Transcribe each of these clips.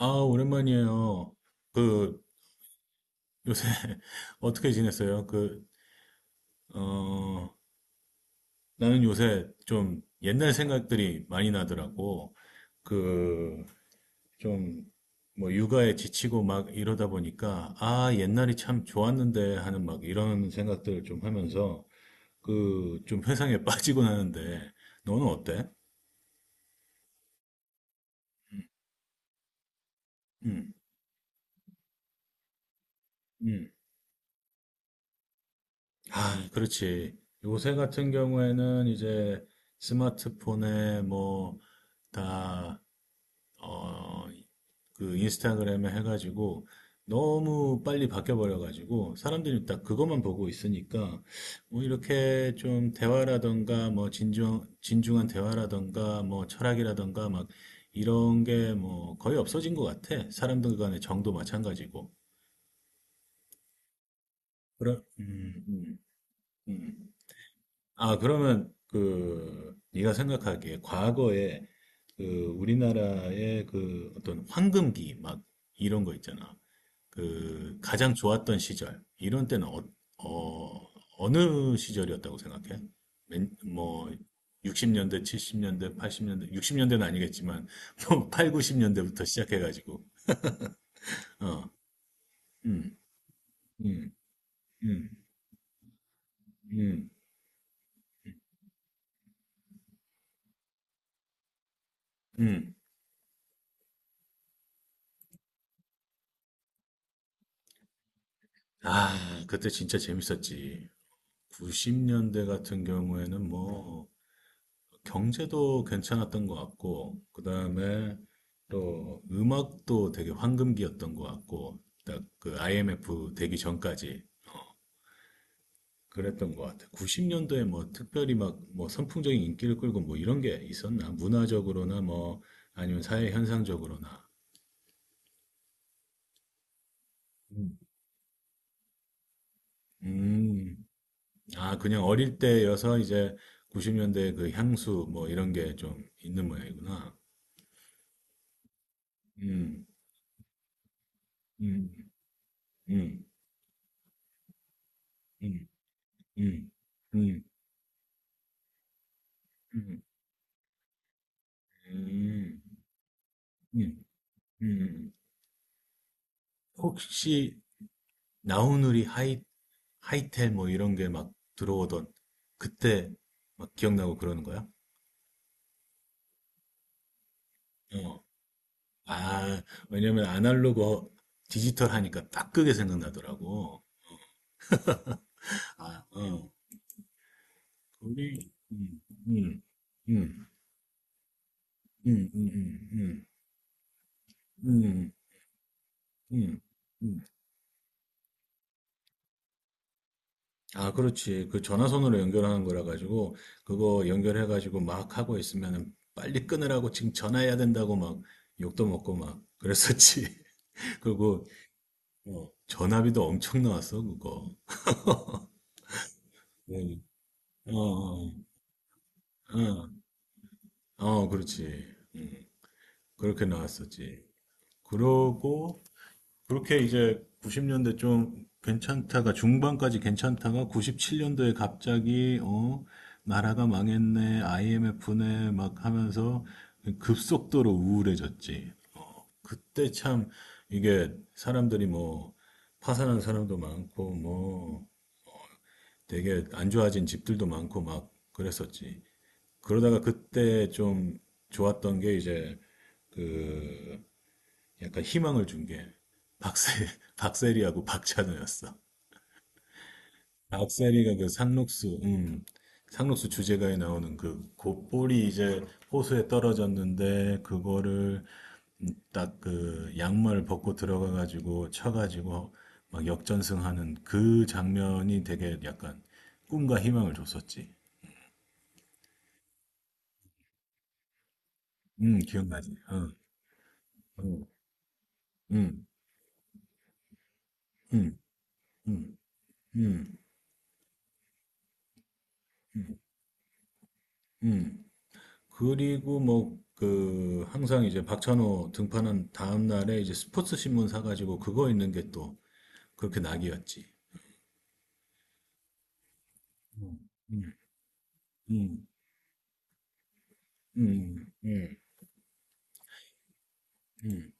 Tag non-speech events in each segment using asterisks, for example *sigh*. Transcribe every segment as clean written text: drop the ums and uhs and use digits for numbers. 아, 오랜만이에요. 그, 요새, *laughs* 어떻게 지냈어요? 어, 나는 요새 좀 옛날 생각들이 많이 나더라고. 그, 좀, 뭐, 육아에 지치고 막 이러다 보니까, 아, 옛날이 참 좋았는데 하는 막 이런 생각들을 좀 하면서, 좀 회상에 *laughs* 빠지곤 하는데, 너는 어때? 음, 음. 아, 그렇지. 요새 같은 경우에는 이제 스마트폰에 뭐, 다, 어, 그 인스타그램에 해가지고 너무 빨리 바뀌어버려가지고 사람들이 딱 그것만 보고 있으니까 뭐 이렇게 좀 대화라던가 뭐 진중한 대화라던가 뭐 철학이라던가 막 이런 게 뭐 거의 없어진 것 같아. 사람들 간의 정도 마찬가지고. 그런, 음. 아, 그러면 그 네가 생각하기에 과거에 그 우리나라의 그 어떤 황금기 막 이런 거 있잖아. 그 가장 좋았던 시절 이런 때는 느 시절이었다고 생각해? 뭐 60년대, 70년대, 80년대, 60년대는 아니겠지만 *laughs* 뭐 8, 90년대부터 시작해가지고 어, 음, 음, 음, 음, 음. 아, 그때 진짜 재밌었지. 90년대 같은 경우에는 뭐 경제도 괜찮았던 것 같고 그다음에 또 음악도 되게 황금기였던 것 같고 딱 그 IMF 되기 전까지 그랬던 것 같아. 90년도에 뭐 특별히 막 뭐 선풍적인 인기를 끌고 뭐 이런 게 있었나? 문화적으로나 뭐 아니면 사회 현상적으로나. 음. 음, 아, 그냥 어릴 때여서 이제 90년대 그 향수 뭐 이런 게 좀 있는 모양이구나. 음, 음. 음. 음. 음. 음. 음. 음. 음. 음. 혹시 나우누리 하이텔 뭐 이런 게 막 들어오던 그때 막 기억나고 그러는 거야? 어. 아, 왜냐면 아날로그 디지털 하니까 딱 그게 생각나더라고. 아, 어. 우리 음. 음. 음. 음. 음. 음. 음. 음. 음. 아, 그렇지. 그 전화선으로 연결하는 거라 가지고 그거 연결해 가지고 막 하고 있으면은 빨리 끊으라고 지금 전화해야 된다고 막 욕도 먹고 막 그랬었지. *laughs* 그리고 전화비도 엄청 나왔어, 그거. 응. 어, 어, 어, 어, 그렇지. 그렇게 나왔었지. 그러고 그렇게 이제 90년대 좀 괜찮다가 중반까지 괜찮다가 97년도에 갑자기 나라가 망했네 IMF네 막 하면서 급속도로 우울해졌지. 그때 참 이게 사람들이 뭐 파산한 사람도 많고 뭐 되게 안 좋아진 집들도 많고 막 그랬었지. 그러다가 그때 좀 좋았던 게 이제 그 약간 희망을 준 게 박세 *laughs* 박세리하고 박찬호였어. 박세리가 그 상록수 주제가에 나오는 그 곧볼이 이제 호수에 떨어졌는데 그거를 딱 그 양말 벗고 들어가 가지고 쳐 가지고 막 역전승하는 그 장면이 되게 약간 꿈과 희망을 줬었지. 기억나지? 어. 음. 음. 음. 음. 음. 음. 음. 그리고 뭐, 항상 이제 박찬호 등판한 다음날에 이제 스포츠 신문 사가지고 그거 있는 게 또 그렇게 낙이었지. 음, 음, 음, 음, 음, 음.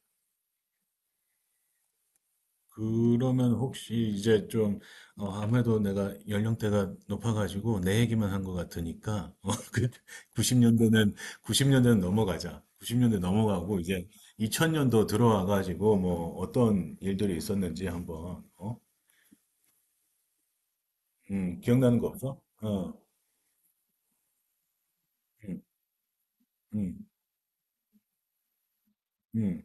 그러면 혹시 이제 좀, 아무래도 내가 연령대가 높아가지고 내 얘기만 한 것 같으니까, *laughs* 90년대는, 90년대는 넘어가자. 90년대 넘어가고 이제 2000년도 들어와가지고 뭐 어떤 일들이 있었는지 한번, 어? 기억나는 거 없어? 어. 음. 음. 음.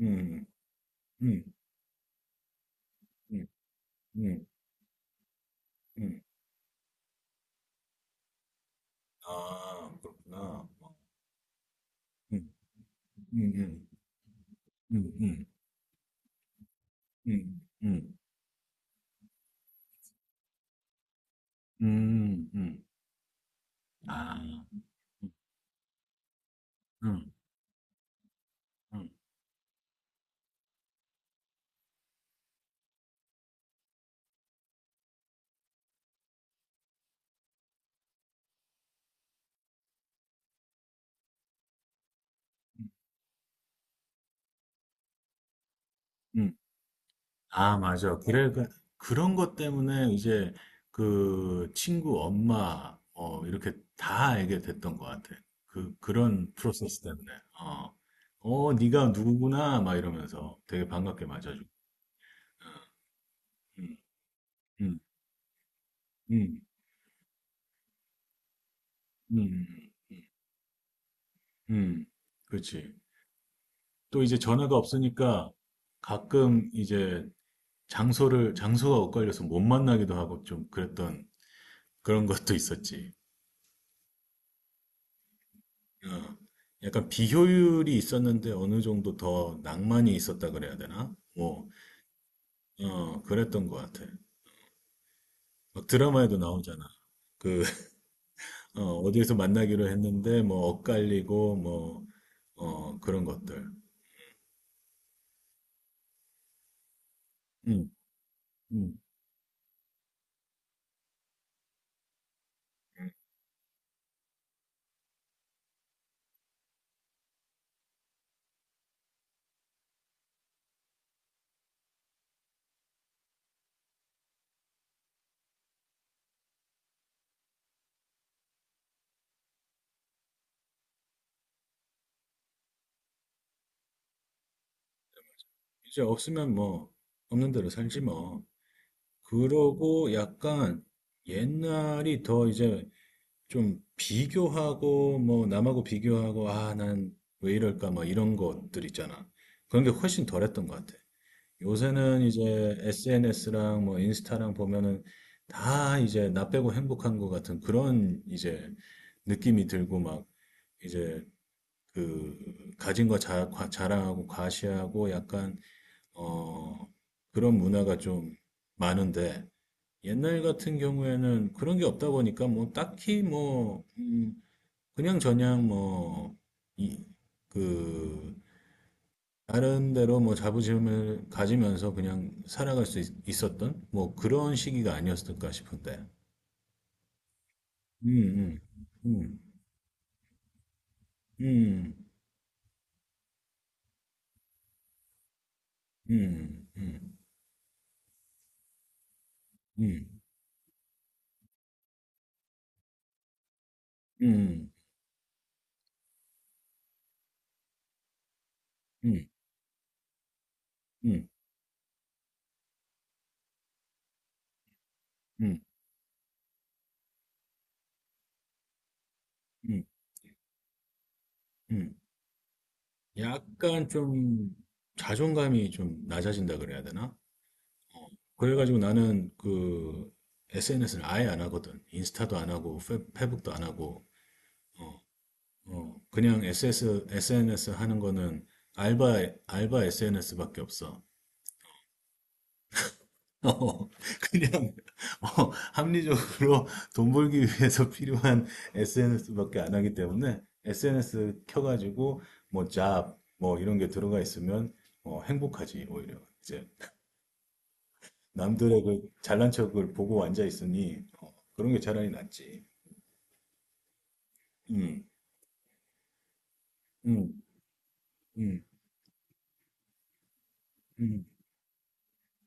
음. 음. 음. 음. 음. 아, 그렇구나. 음. 음, 음음. 음. 음. 음. 음. 아. 음. 음. 음. 음. 아, 맞아. 그러니까 그런 것 때문에 이제 그 친구 엄마 이렇게 다 알게 됐던 것 같아. 그런 프로세스 때문에. 어. 네가 누구구나 막 이러면서 되게 반갑게 맞아주고. 음. 음. 음. 음. 음, 그렇지. 또 이제 전화가 없으니까 가끔 이제 장소가 엇갈려서 못 만나기도 하고 좀 그랬던 그런 것도 있었지. 어, 약간 비효율이 있었는데 어느 정도 더 낭만이 있었다 그래야 되나? 뭐, 그랬던 것 같아. 막 드라마에도 나오잖아. 그, *laughs* 어디에서 만나기로 했는데 뭐 엇갈리고 뭐, 그런 것들. 음, 음. 이제 없으면 뭐, 없는 대로 살지 뭐. 그러고 약간 옛날이 더 이제 좀 비교하고 뭐 남하고 비교하고 아, 난 왜 이럴까 뭐 이런 것들 있잖아. 그런 게 훨씬 덜했던 것 같아. 요새는 이제 SNS랑 뭐 인스타랑 보면은 다 이제 나 빼고 행복한 것 같은 그런 이제 느낌이 들고 막 이제 그 가진 거 자랑하고 과시하고 약간 어 그런 문화가 좀 많은데 옛날 같은 경우에는 그런 게 없다 보니까 뭐 딱히 뭐 그냥 저냥 뭐 이, 그 다른 데로 뭐 자부심을 가지면서 그냥 살아갈 수 있, 었던뭐 그런 시기가 아니었을까 싶은데. 음, 음, 음, 음, 음, 음, 음, 음, 음, 음, 음, 음. 음, 음. 약간 좀 자존감이 좀 낮아진다 그래야 되나? 그래가지고 나는 그 SNS를 아예 안 하거든. 인스타도 안 하고, 페북도 안 하고, 어, 그냥 SNS 하는 거는 알바 SNS밖에 없어. *laughs* 어, 그냥, 합리적으로 돈 벌기 위해서 *laughs* 필요한 SNS밖에 안 하기 때문에 SNS 켜가지고, 뭐, 뭐, 이런 게 들어가 있으면, 행복하지, 오히려. 이제, 남들의 그 잘난 척을 보고 앉아 있으니, 그런 게 차라리 낫지. 음, 음, 음, 음,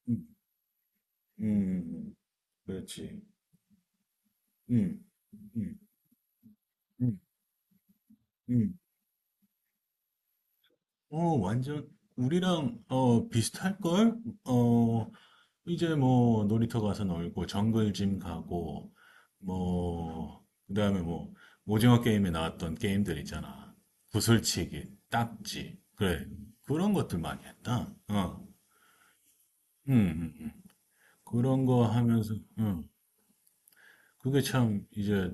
음, 음, 그렇지. 음, 음, 음, 음. 완전 우리랑 비슷할걸? 어, 이제 뭐 놀이터 가서 놀고 정글짐 가고 뭐 그다음에 뭐 오징어 게임에 나왔던 게임들 있잖아. 구슬치기, 딱지. 그래. 그런 것들 많이 했다. 어. 음, 음, 음. 그런 거 하면서 그게 참 이제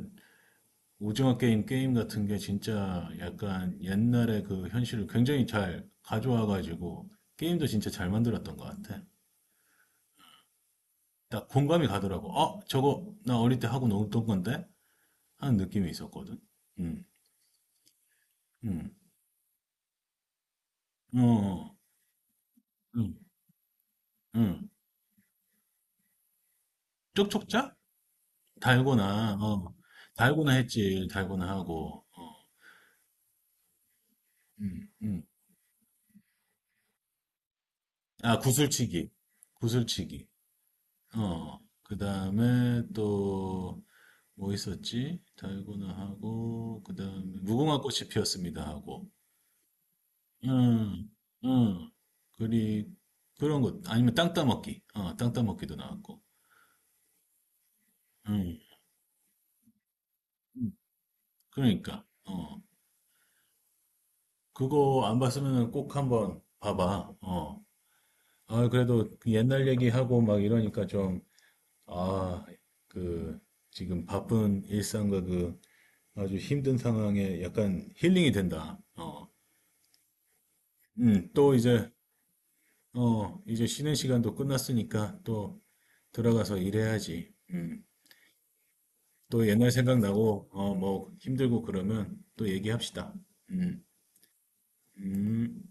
오징어 게임 같은 게 진짜 약간 옛날의 그 현실을 굉장히 잘 가져와가지고 게임도 진짜 잘 만들었던 것 같아. 딱 공감이 가더라고. 저거 나 어릴 때 하고 놀던 건데? 하는 느낌이 있었거든. 응, 응, 어, 응, 응. 쪽쪽자? 달고나, 달고나 했지, 달고나 하고, 어, 응, 응. 아, 구슬치기. 구슬치기. 그 다음에 또, 뭐 있었지? 달고나 하고, 그 다음에, 무궁화 꽃이 피었습니다 하고, 응, 응, 그리, 그런 것, 아니면 땅 따먹기, 땅 따먹기도 나왔고, 응, 응. 그러니까, 그거 안 봤으면 꼭 한번 봐봐, 어. 아, 그래도 그 옛날 얘기하고 막 이러니까 좀, 아, 그, 지금 바쁜 일상과 그 아주 힘든 상황에 약간 힐링이 된다, 어. 또 이제 이제 쉬는 시간도 끝났으니까 또 들어가서 일해야지. 음. 또 옛날 생각나고, 뭐 힘들고 그러면 또 얘기합시다. 음. 음.